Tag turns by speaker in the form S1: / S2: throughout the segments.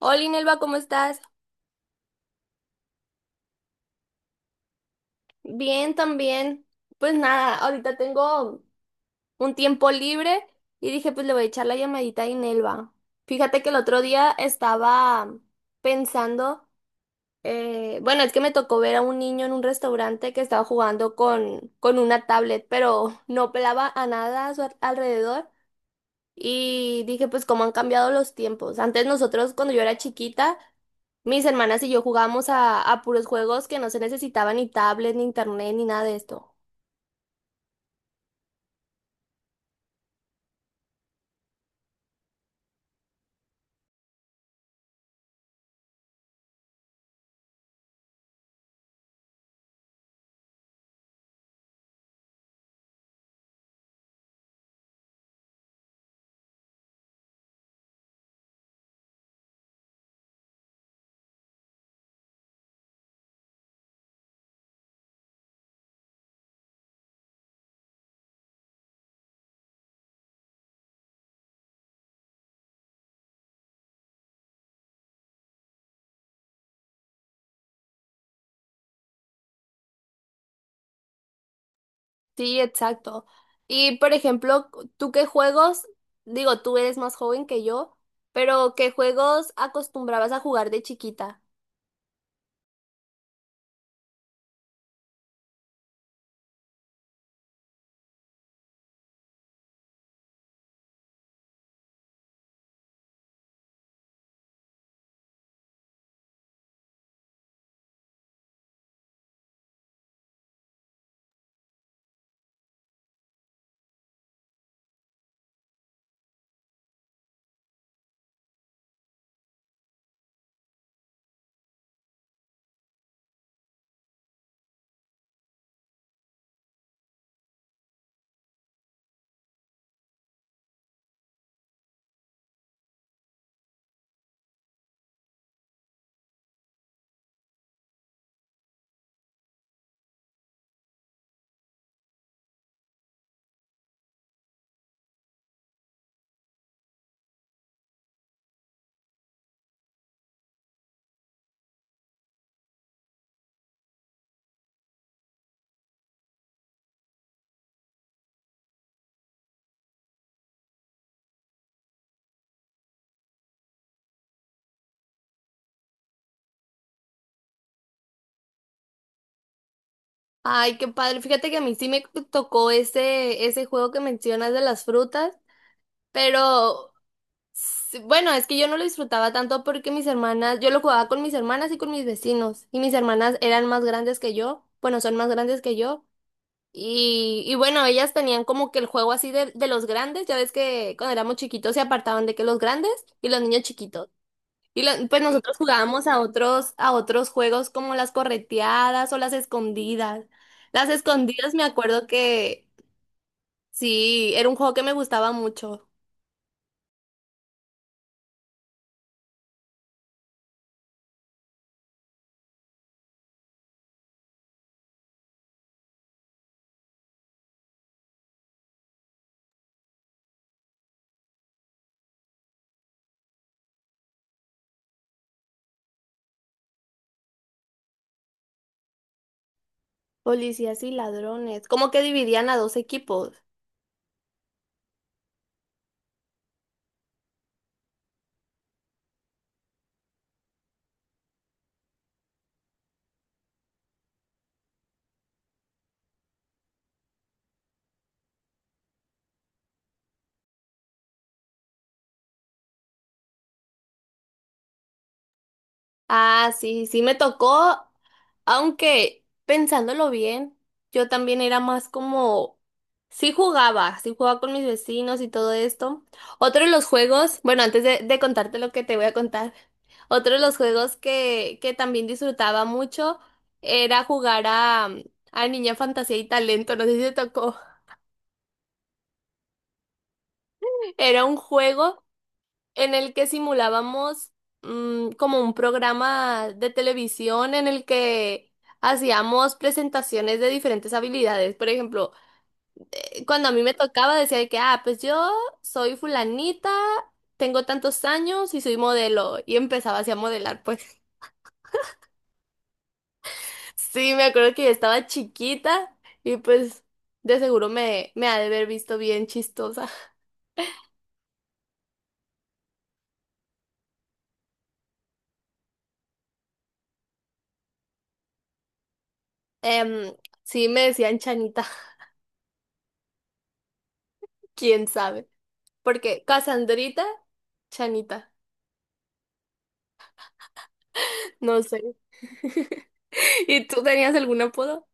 S1: Hola, Inelva, ¿cómo estás? Bien, también. Pues nada, ahorita tengo un tiempo libre y dije, pues le voy a echar la llamadita a Inelva. Fíjate que el otro día estaba pensando, bueno, es que me tocó ver a un niño en un restaurante que estaba jugando con una tablet, pero no pelaba a nada a su alrededor. Y dije, pues cómo han cambiado los tiempos. Antes nosotros, cuando yo era chiquita, mis hermanas y yo jugábamos a puros juegos que no se necesitaban ni tablet, ni internet, ni nada de esto. Sí, exacto. Y por ejemplo, ¿tú qué juegos? Digo, tú eres más joven que yo, pero ¿qué juegos acostumbrabas a jugar de chiquita? Ay, qué padre. Fíjate que a mí sí me tocó ese juego que mencionas de las frutas, pero bueno, es que yo no lo disfrutaba tanto porque mis hermanas, yo lo jugaba con mis hermanas y con mis vecinos, y mis hermanas eran más grandes que yo, bueno, son más grandes que yo, y bueno, ellas tenían como que el juego así de los grandes, ya ves que cuando éramos chiquitos se apartaban de que los grandes y los niños chiquitos, y pues sí, nosotros jugábamos a otros juegos como las correteadas o las escondidas. Las escondidas me acuerdo que sí, era un juego que me gustaba mucho. Policías y ladrones. Como que dividían a dos equipos. Ah, sí, sí me tocó, aunque pensándolo bien, yo también era más como, sí jugaba con mis vecinos y todo esto. Otro de los juegos, bueno, antes de contarte lo que te voy a contar, otro de los juegos que también disfrutaba mucho era jugar a Niña Fantasía y Talento, no sé si te tocó. Era un juego en el que simulábamos como un programa de televisión en el que hacíamos presentaciones de diferentes habilidades. Por ejemplo, cuando a mí me tocaba decía de que, ah, pues yo soy fulanita, tengo tantos años y soy modelo. Y empezaba así a modelar, pues sí, me acuerdo que yo estaba chiquita y pues de seguro me ha de haber visto bien chistosa. Em, sí, me decían Chanita. Quién sabe. Porque Casandrita, Chanita. No sé. ¿Y tú tenías algún apodo?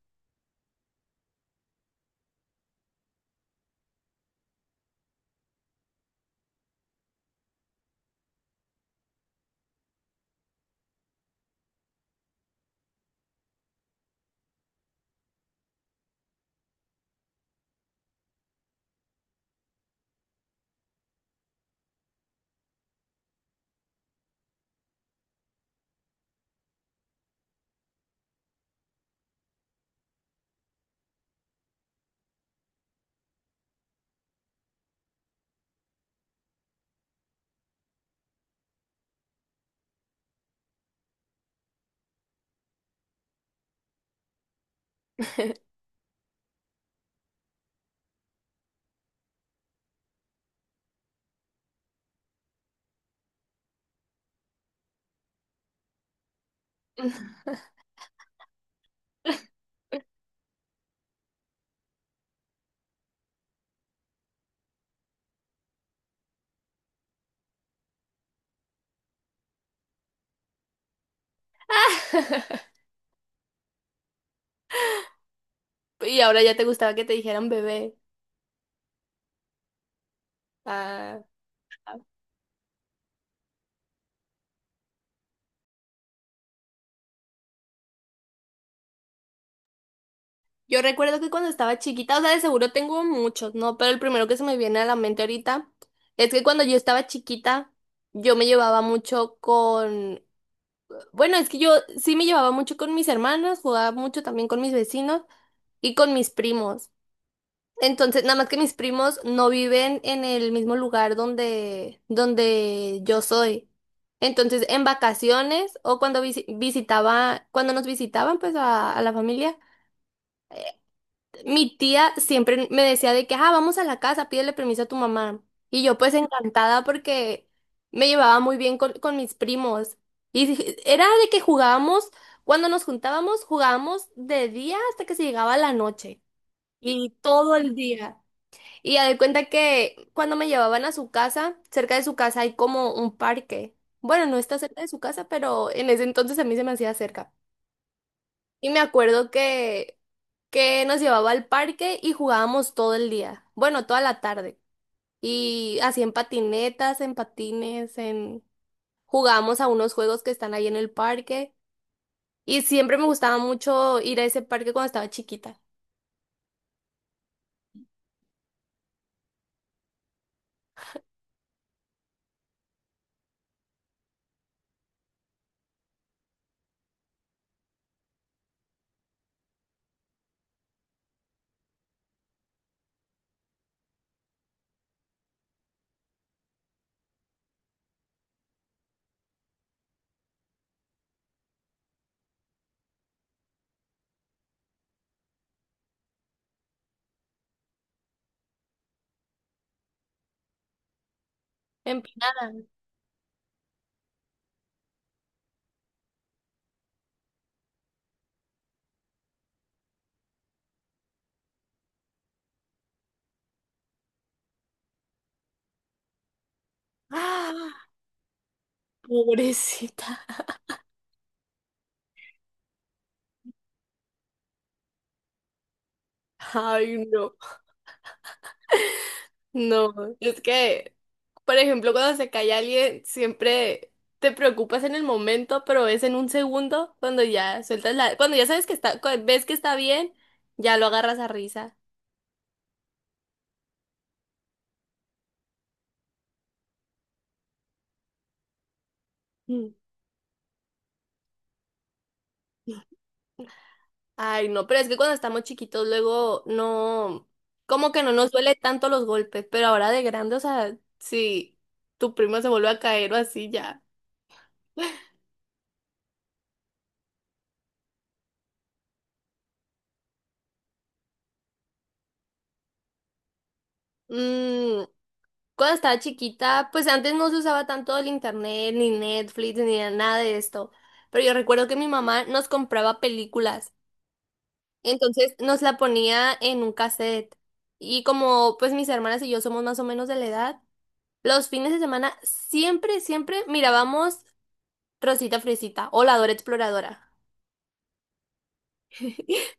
S1: Y ahora ya te gustaba que te dijeran bebé. Ah, yo recuerdo que cuando estaba chiquita, o sea, de seguro tengo muchos, ¿no? Pero el primero que se me viene a la mente ahorita es que cuando yo estaba chiquita, yo me llevaba mucho con... Bueno, es que yo sí me llevaba mucho con mis hermanos, jugaba mucho también con mis vecinos y con mis primos. Entonces, nada más que mis primos no viven en el mismo lugar donde yo soy. Entonces, en vacaciones o cuando visitaba, cuando nos visitaban pues a la familia, mi tía siempre me decía de que, ah, vamos a la casa, pídele permiso a tu mamá. Y yo pues encantada porque me llevaba muy bien con mis primos. Y era de que jugábamos, cuando nos juntábamos, jugábamos de día hasta que se llegaba la noche. Y todo el día. Y ya de cuenta que cuando me llevaban a su casa, cerca de su casa hay como un parque. Bueno, no está cerca de su casa, pero en ese entonces a mí se me hacía cerca. Y me acuerdo que nos llevaba al parque y jugábamos todo el día. Bueno, toda la tarde. Y así en patinetas, en patines, en... Jugábamos a unos juegos que están ahí en el parque. Y siempre me gustaba mucho ir a ese parque cuando estaba chiquita. Empinada. Ah, pobrecita. Ay, no. No, es que, por ejemplo, cuando se cae alguien, siempre te preocupas en el momento, pero es en un segundo cuando ya sueltas la, cuando ya sabes que está, ves que está bien, ya lo agarras a risa. Mm. Ay, no, pero es que cuando estamos chiquitos luego no, como que no nos duele tanto los golpes, pero ahora de grande, o sea, si tu primo se vuelve a caer o así ya. Mm, Cuando estaba chiquita, pues antes no se usaba tanto el internet, ni Netflix, ni nada de esto. Pero yo recuerdo que mi mamá nos compraba películas. Entonces nos la ponía en un cassette. Y como pues mis hermanas y yo somos más o menos de la edad, los fines de semana siempre mirábamos Rosita Fresita o La Dora Exploradora.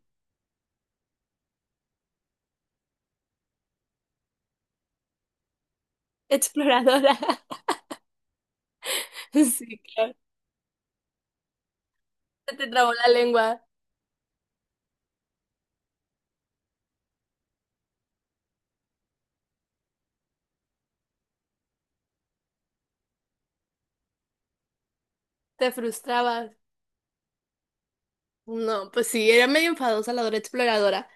S1: Exploradora. Sí, claro. Se te trabó la lengua, te frustrabas. No, pues sí, era medio enfadosa la Dora Exploradora.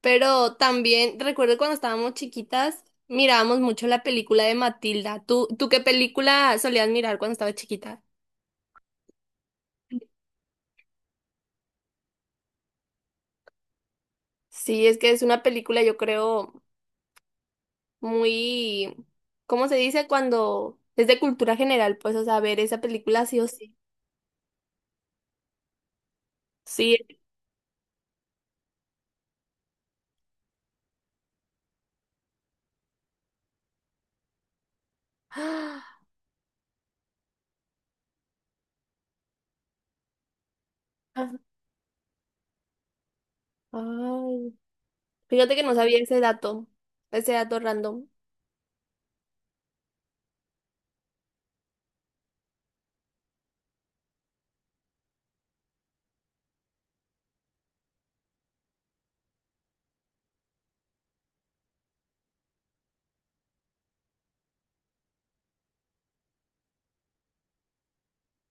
S1: Pero también recuerdo cuando estábamos chiquitas, mirábamos mucho la película de Matilda. ¿¿Tú qué película solías mirar cuando estabas chiquita? Sí, es que es una película, yo creo, muy, ¿cómo se dice? Cuando es de cultura general, pues, o sea, ver esa película sí o sí. Sí. Ah, ay, fíjate que no sabía ese dato random.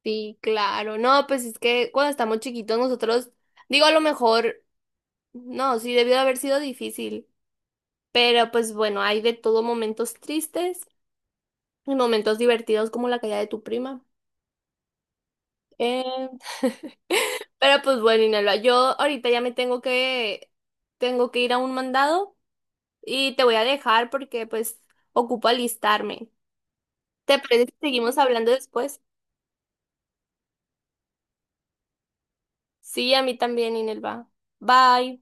S1: Sí, claro. No, pues es que cuando estamos chiquitos nosotros, digo, a lo mejor, no, sí, debió de haber sido difícil. Pero pues bueno, hay de todo momentos tristes y momentos divertidos como la caída de tu prima. Eh, Pero pues bueno, Inelva, yo ahorita ya me tengo tengo que ir a un mandado y te voy a dejar porque pues ocupo alistarme. ¿Te parece que seguimos hablando después? Sí, a mí también, Inelva. Bye.